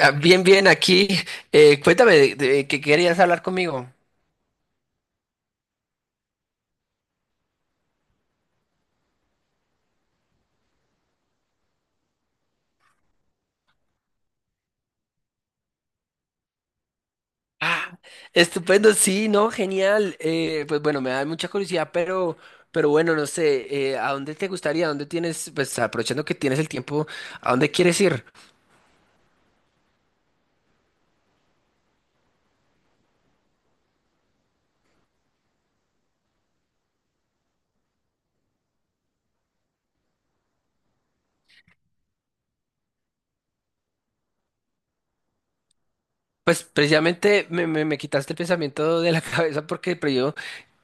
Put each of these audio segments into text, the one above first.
Ah, bien, bien, aquí. Cuéntame, de ¿qué querías hablar conmigo? Ah, estupendo, sí, no, genial. Pues bueno, me da mucha curiosidad, pero bueno, no sé, ¿a dónde te gustaría? ¿A dónde tienes, pues aprovechando que tienes el tiempo, a dónde quieres ir? Pues precisamente me quitaste el pensamiento de la cabeza porque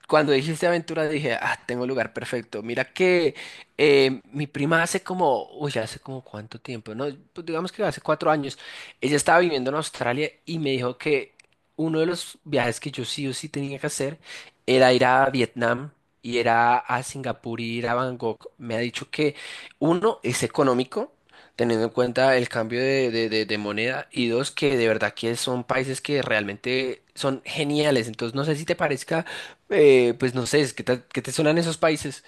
cuando dijiste aventura dije, ah, tengo el lugar perfecto. Mira que mi prima hace como, uy, ya hace como cuánto tiempo, no, pues digamos que hace 4 años, ella estaba viviendo en Australia y me dijo que uno de los viajes que yo sí o sí tenía que hacer era ir a Vietnam y era a Singapur y ir a Bangkok. Me ha dicho que uno es económico, teniendo en cuenta el cambio de moneda, y dos, que de verdad que son países que realmente son geniales. Entonces no sé si te parezca, pues no sé, ¿qué te suenan esos países?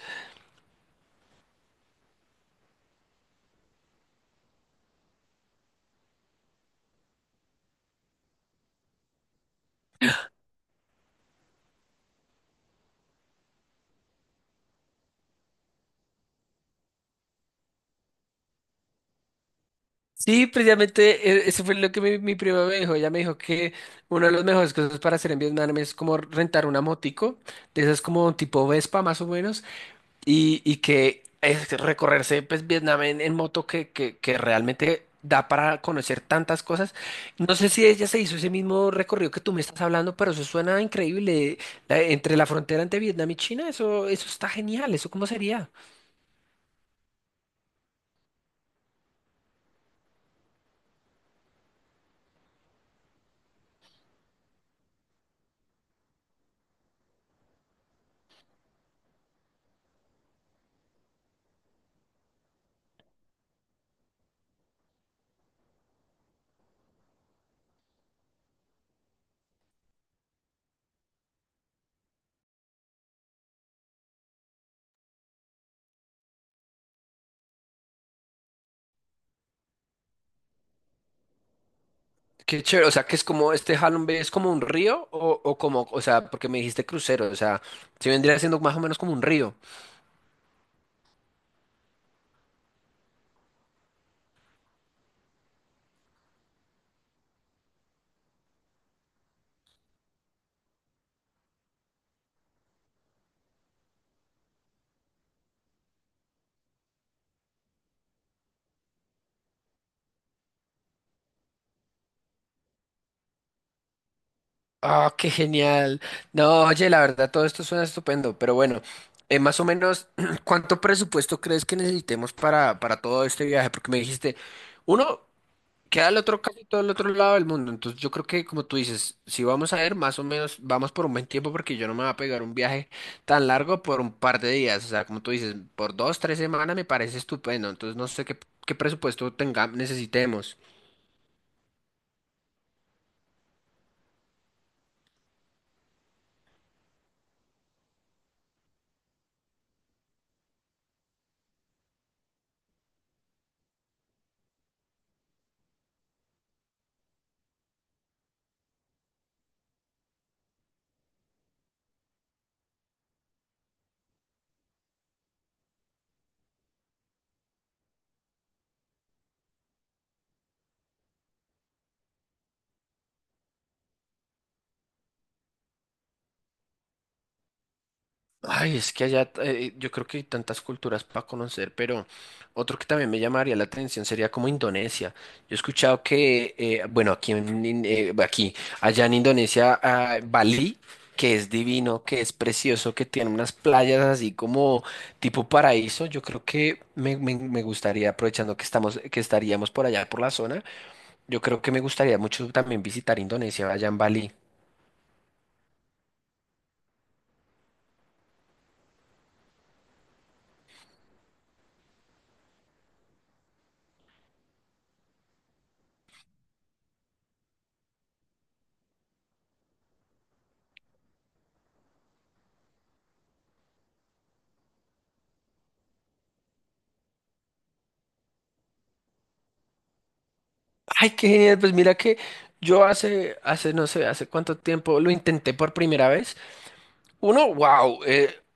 Sí, precisamente, eso fue lo que mi prima me dijo. Ella me dijo que una de las mejores cosas para hacer en Vietnam es como rentar una motico, de esas como tipo Vespa más o menos, y que es recorrerse pues Vietnam en moto, que realmente da para conocer tantas cosas. No sé si ella se hizo ese mismo recorrido que tú me estás hablando, pero eso suena increíble. Entre la frontera entre Vietnam y China, eso está genial. ¿Eso cómo sería? Qué chévere, o sea, que es como este Halong Bay es como un río o como, o sea, porque me dijiste crucero, o sea, se vendría siendo más o menos como un río. Ah, qué genial. No, oye, la verdad, todo esto suena estupendo, pero bueno, más o menos, ¿cuánto presupuesto crees que necesitemos para todo este viaje? Porque me dijiste, uno, queda el otro casi todo el otro lado del mundo. Entonces yo creo que como tú dices, si vamos a ir, más o menos vamos por un buen tiempo, porque yo no me voy a pegar un viaje tan largo por un par de días. O sea, como tú dices, por dos, tres semanas me parece estupendo. Entonces no sé qué presupuesto tenga, necesitemos. Ay, es que allá, yo creo que hay tantas culturas para conocer, pero otro que también me llamaría la atención sería como Indonesia. Yo he escuchado que, bueno, aquí, aquí, allá en Indonesia, ah, Bali, que es divino, que es precioso, que tiene unas playas así como tipo paraíso. Yo creo que me gustaría, aprovechando que estamos, que estaríamos por allá por la zona, yo creo que me gustaría mucho también visitar Indonesia, allá en Bali. Ay, qué genial. Pues mira que yo hace, no sé, hace cuánto tiempo lo intenté por primera vez. Uno, wow,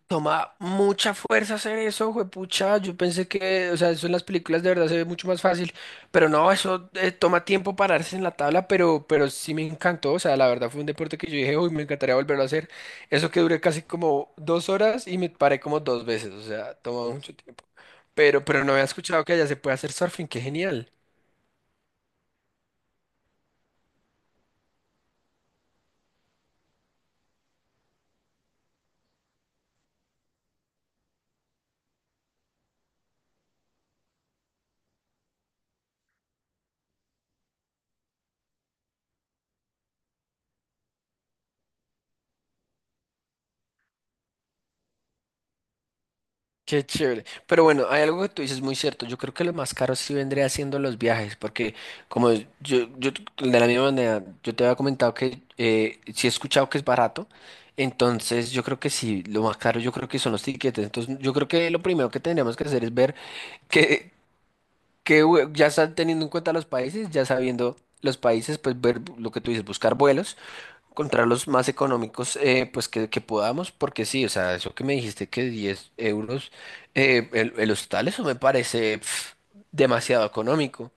toma mucha fuerza hacer eso, juepucha. Yo pensé que, o sea, eso en las películas de verdad se ve mucho más fácil, pero no, eso, toma tiempo pararse en la tabla, pero sí me encantó. O sea, la verdad fue un deporte que yo dije, uy, me encantaría volverlo a hacer. Eso que duré casi como 2 horas y me paré como dos veces, o sea, toma mucho tiempo. Pero no había escuchado que allá se puede hacer surfing, qué genial. Qué chévere. Pero bueno, hay algo que tú dices muy cierto. Yo creo que lo más caro sí vendría siendo los viajes, porque como yo de la misma manera, yo te había comentado que, sí he escuchado que es barato, entonces yo creo que sí, lo más caro yo creo que son los tiquetes. Entonces yo creo que lo primero que tendríamos que hacer es ver qué, ya están teniendo en cuenta los países, ya sabiendo los países, pues ver lo que tú dices, buscar vuelos, encontrar los más económicos, pues que podamos, porque sí, o sea, eso que me dijiste, que 10 euros, el hostal, eso me parece pf, demasiado económico.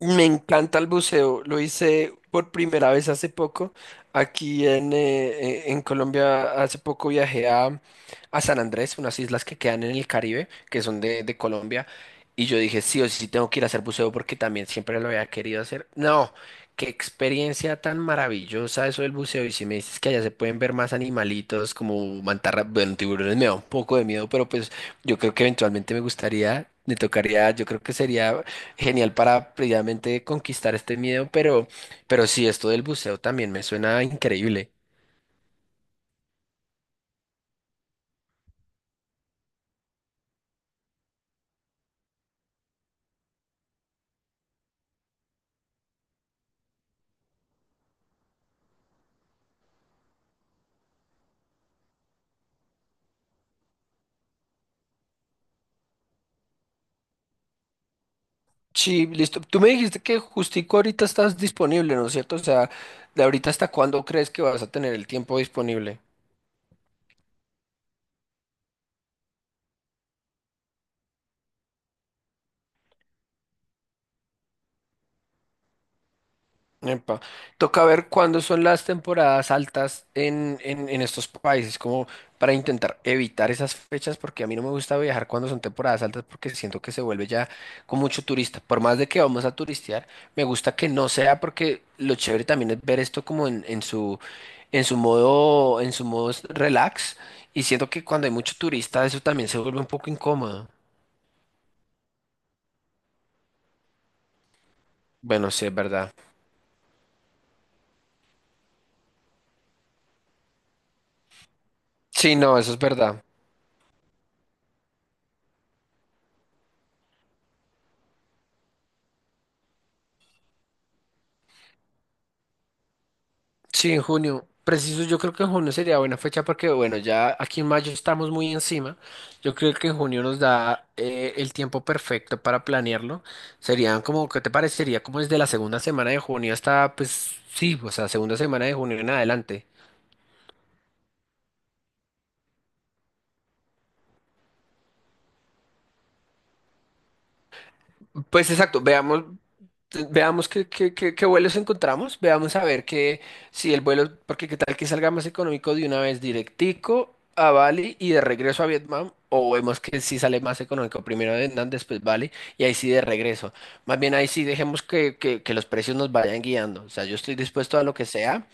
Me encanta el buceo, lo hice por primera vez hace poco. Aquí en Colombia hace poco viajé a San Andrés, unas islas que quedan en el Caribe, que son de Colombia, y yo dije, sí o sí tengo que ir a hacer buceo porque también siempre lo había querido hacer. No, qué experiencia tan maravillosa eso del buceo, y si me dices que allá se pueden ver más animalitos como mantarras, bueno, tiburones me da un poco de miedo, pero pues yo creo que eventualmente me gustaría, me tocaría, yo creo que sería genial para previamente conquistar este miedo, pero sí, esto del buceo también me suena increíble. Sí, listo. Tú me dijiste que justico ahorita estás disponible, ¿no es cierto? O sea, ¿de ahorita hasta cuándo crees que vas a tener el tiempo disponible? Epa. Toca ver cuándo son las temporadas altas en estos países, como para intentar evitar esas fechas, porque a mí no me gusta viajar cuando son temporadas altas, porque siento que se vuelve ya con mucho turista. Por más de que vamos a turistear, me gusta que no sea, porque lo chévere también es ver esto como en su modo, relax, y siento que cuando hay mucho turista, eso también se vuelve un poco incómodo. Bueno, sí, es verdad. Sí, no, eso es verdad. Sí, en junio. Preciso, yo creo que en junio sería buena fecha porque, bueno, ya aquí en mayo estamos muy encima. Yo creo que en junio nos da, el tiempo perfecto para planearlo. Serían como, ¿qué te parecería? Como desde la segunda semana de junio hasta, pues sí, o sea, segunda semana de junio en adelante. Pues exacto, veamos. Veamos qué vuelos encontramos, veamos a ver que si el vuelo, porque qué tal que salga más económico de una vez directico a Bali y de regreso a Vietnam, o vemos que si sale más económico primero Vietnam, después Bali y ahí sí de regreso. Más bien ahí sí dejemos que los precios nos vayan guiando, o sea, yo estoy dispuesto a lo que sea.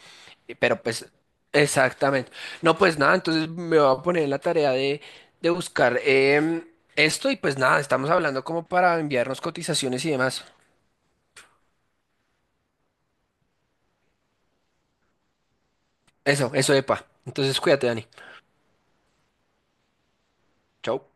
Pero pues, exactamente. No, pues nada, entonces me voy a poner en la tarea de buscar, esto, y pues nada, estamos hablando como para enviarnos cotizaciones y demás. Eso, epa. Entonces, cuídate, Dani. Chao.